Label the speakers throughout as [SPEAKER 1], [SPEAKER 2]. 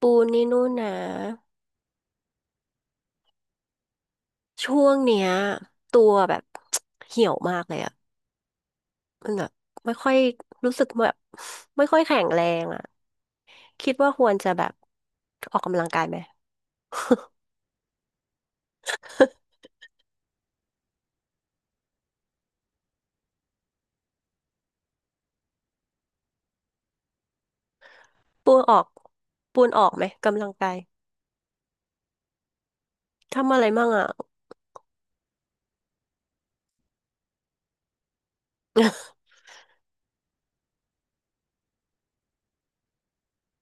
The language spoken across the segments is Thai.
[SPEAKER 1] ปูนี่นู่นนะช่วงเนี้ยตัวแบบ เหี่ยวมากเลยอะมันแบบไม่ค่อยรู้สึกแบบไม่ค่อยแข็งแรงอะคิดว่าควรจะแบบออกกำลังกายไหมปูนออกปูนออกไหมกำลังกายทำอะไรมั่งอะ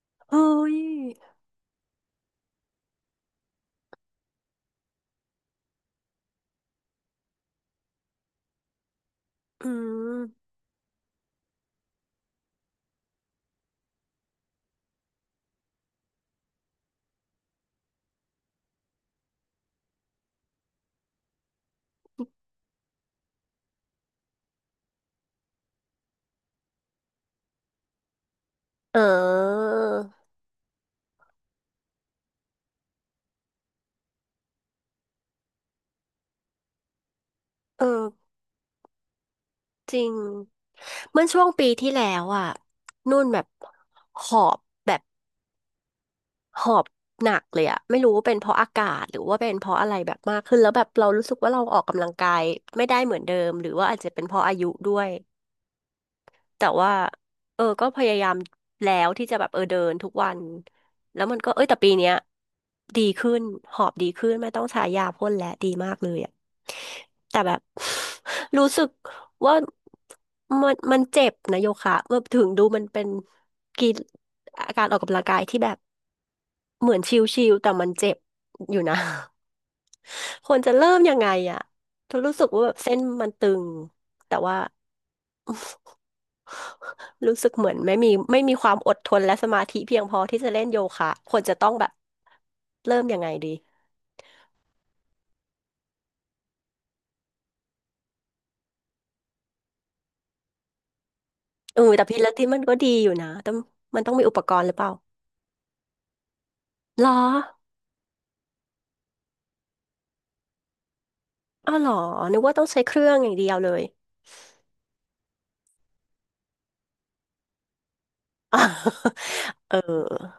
[SPEAKER 1] เฮ้ยอืมเออเออจริงเมื่อช่วงปีที่แล้วอะนุ่นแบบหอบแบบ หอบหนักเลยอะไม่รู้ว่าเป็นเพราะอากาศหรือว่าเป็นเพราะอะไรแบบมากขึ้นแล้วแบบเรารู้สึกว่าเราออกกำลังกายไม่ได้เหมือนเดิมหรือว่าอาจจะเป็นเพราะอายุด้วยแต่ว่าเออก็พยายามแล้วที่จะแบบเดินทุกวันแล้วมันก็เอ้ยแต่ปีเนี้ยดีขึ้นหอบดีขึ้นไม่ต้องใช้ยาพ่นแล้ดีมากเลยอะแต่แบบ รู้สึกว่ามันเจ็บนะโยคะเมื่อถึงดูมันเป็นกีฬาการออกกำลังกายที่แบบ เหมือนชิลๆแต่มันเจ็บอยู่นะ ควรจะเริ่มยังไงอ่ะรู้สึกว่าแบบเส้นมันตึงแต่ว่า รู้สึกเหมือนไม่มีความอดทนและสมาธิเพียงพอที่จะเล่นโยคะควรจะต้องแบบเริ่มยังไงดีเออแต่พิลาทิสมันก็ดีอยู่นะแต่มันต้องมีอุปกรณ์หรือเปล่าหรออ้าวหรอนึกว่าต้องใช้เครื่องอย่างเดียวเลย เออ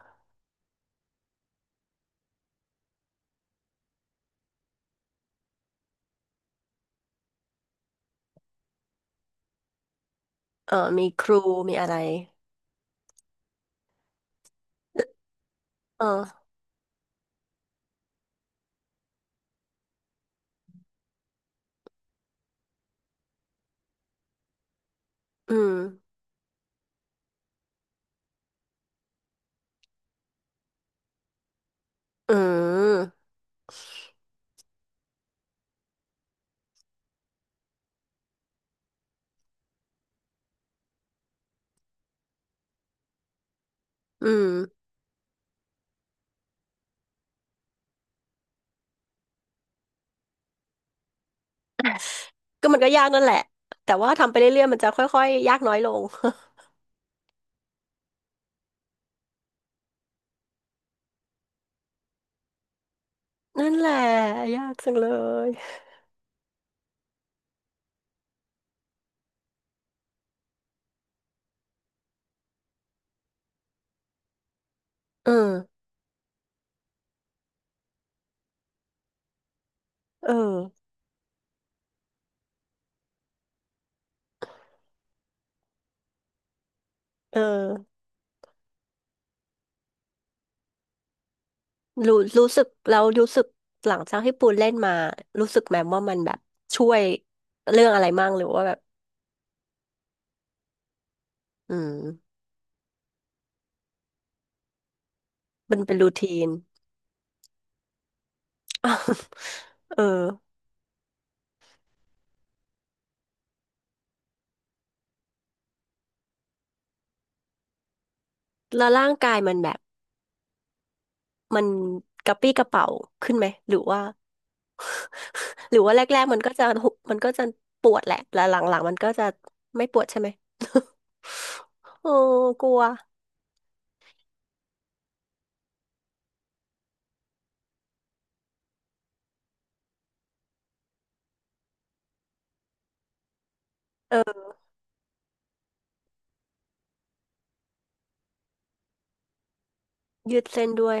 [SPEAKER 1] เออมีครูมีอะไรเอออืมอืมอืม ก็มันก็ยากนั่นแหละ แต่ว่าทำไปเรื่อยๆมันจะค่อยๆยากน้อยลง นั่นแหละยากจังเลยเออเออเออรู้รู้สึกแล้วรู้สึกหลังจากที่ปูนเล่นมารู้สึกแมมว่ามันแบบช่วยเรื่องอะไรมั่งหรือว่าแบบอืมมันเป็นรูทีน เออแล้วร่างกายมันแบบมันกระปรี้กระเป๋าขึ้นไหมหรือว่าหรือว่าแรกๆมันก็จะหุมันก็จะปวดแหละแล้วหลังๆมันก็จะไม่ปวดใช่ไหมโอ้กลัวเออ ยืดเส้นด้วย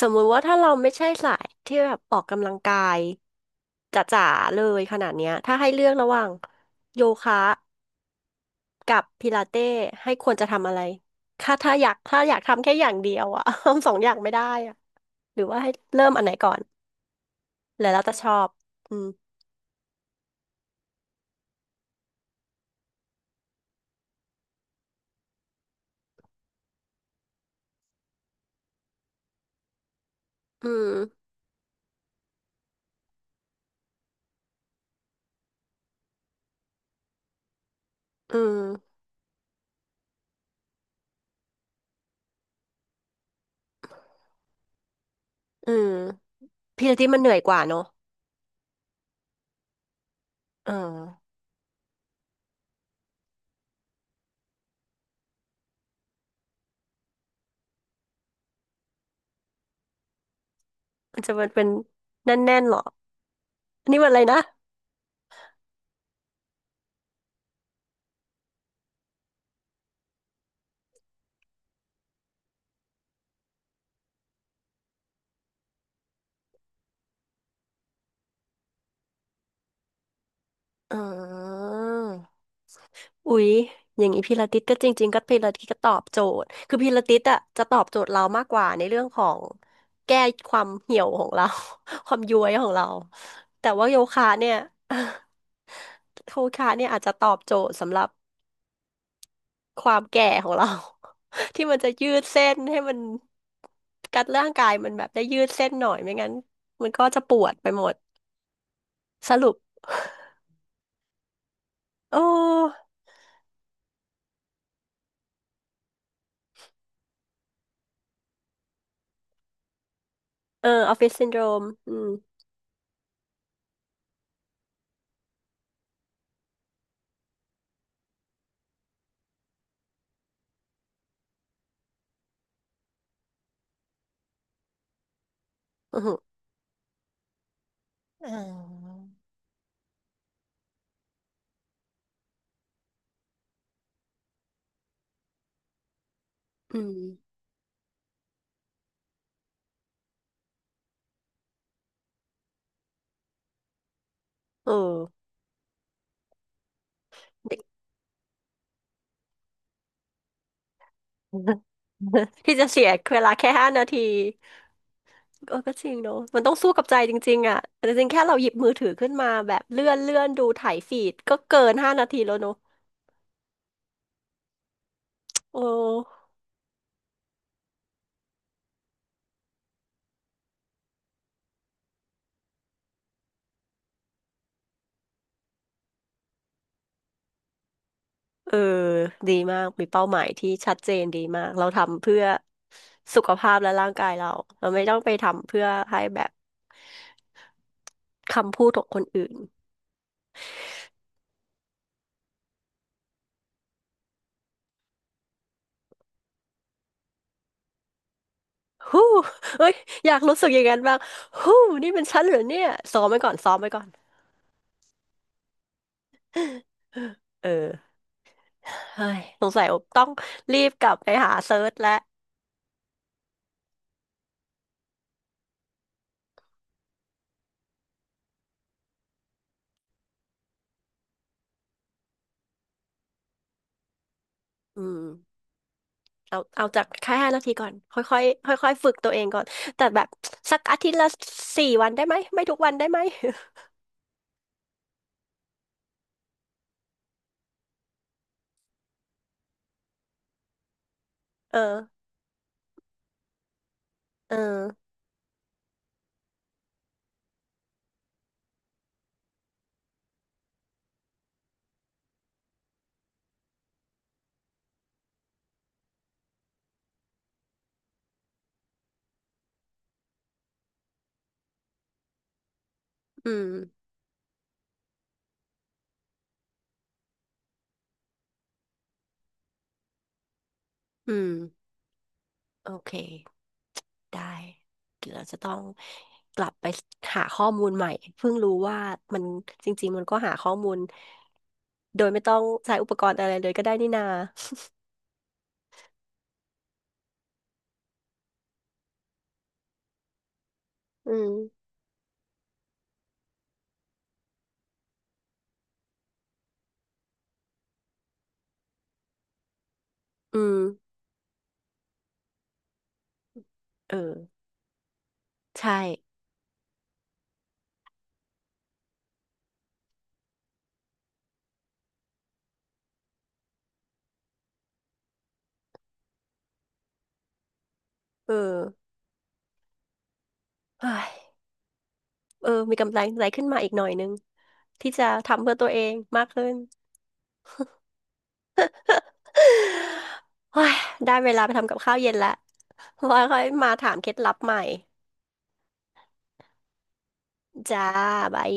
[SPEAKER 1] สมมุติว่าถ้าเราไม่ใช่สายที่แบบออกกำลังกายจ๋าๆเลยขนาดเนี้ยถ้าให้เลือกระหว่างโยคะกับพิลาเต้ให้ควรจะทำอะไรถ้าถ้าอยากทำแค่อย่างเดียวอะ ทำสองอย่างไม่ได้อะหรือว่าให้เริ่มอันไหนก่อนแล้วเราจะชอบอืมอืมอืมอืมพิลาต้มันเหนื่อยกว่าเนอะเออมันจะเป็นแน่นๆหรออันนี่มันอะไรนะอออ อุ๊ยอย่างนี้พิลาทิสก็จริงๆก็พิลาทิสก็ตอบโจทย์คือพิลาทิสอ่ะจะตอบโจทย์เรามากกว่าในเรื่องของแก้ความเหี่ยวของเรา ความย้วยของเราแต่ว่าโยคะเนี่ย โยคะเนี่ยอาจจะตอบโจทย์สำหรับความแก่ของเรา ที่มันจะยืดเส้นให้มันกัดร่างกายมันแบบได้ยืดเส้นหน่อยไม่งั้นมันก็จะปวดไปหมดสรุป โอ้เออออฟฟิศซินโดรมอืมอือหืออ๋ออืม เออ ที่จะเสียเวลาแค่5 นาทีเออก็จริงเนอะมันต้องสู้กับใจจริงๆอ่ะแต่จริงๆแค่เราหยิบมือถือขึ้นมาแบบเลื่อนดูถ่ายฟีดก็เกินห้านาทีแล้วเนอะโอ้เออดีมากมีเป้าหมายที่ชัดเจนดีมากเราทำเพื่อสุขภาพและร่างกายเราเราไม่ต้องไปทำเพื่อให้แบบคำพูดของคนอื่นฮู้เอ้ยอยากรู้สึกอย่างนั้นบ้างฮู้นี่เป็นฉันเหรอเนี่ยซ้อมไว้ก่อนเออ เฮ้ยสงสัยต้องรีบกลับไปหาเซิร์ชแล้วอืมเอาจากแค่ห้านาทีก่อนค่อยค่อยค่อยค่อยๆฝึกตัวเองก่อนแต่แบบสักอาทิตย์ละ4 วันได้ไหมไม่ทุกวันได้ไหม เออเอออืมอืมโอเคได้เดี๋ยวเราจะต้องกลับไปหาข้อมูลใหม่เพิ่งรู้ว่ามันจริงๆมันก็หาข้อมูลโดยไม่ต้องใช้อุปกรณ์อะไรเลยก็ได้นี่นาอืมอืมเออใช่เออเฮ้ย เออมีกำลังใจขึ้นมาอีกหน่อยนึงที่จะทำเพื่อตัวเองมากขึ้น โอ้ยได้เวลาไปทำกับข้าวเย็นละไว้ค่อยมาถามเคล็ดลับใหม่จ้าบาย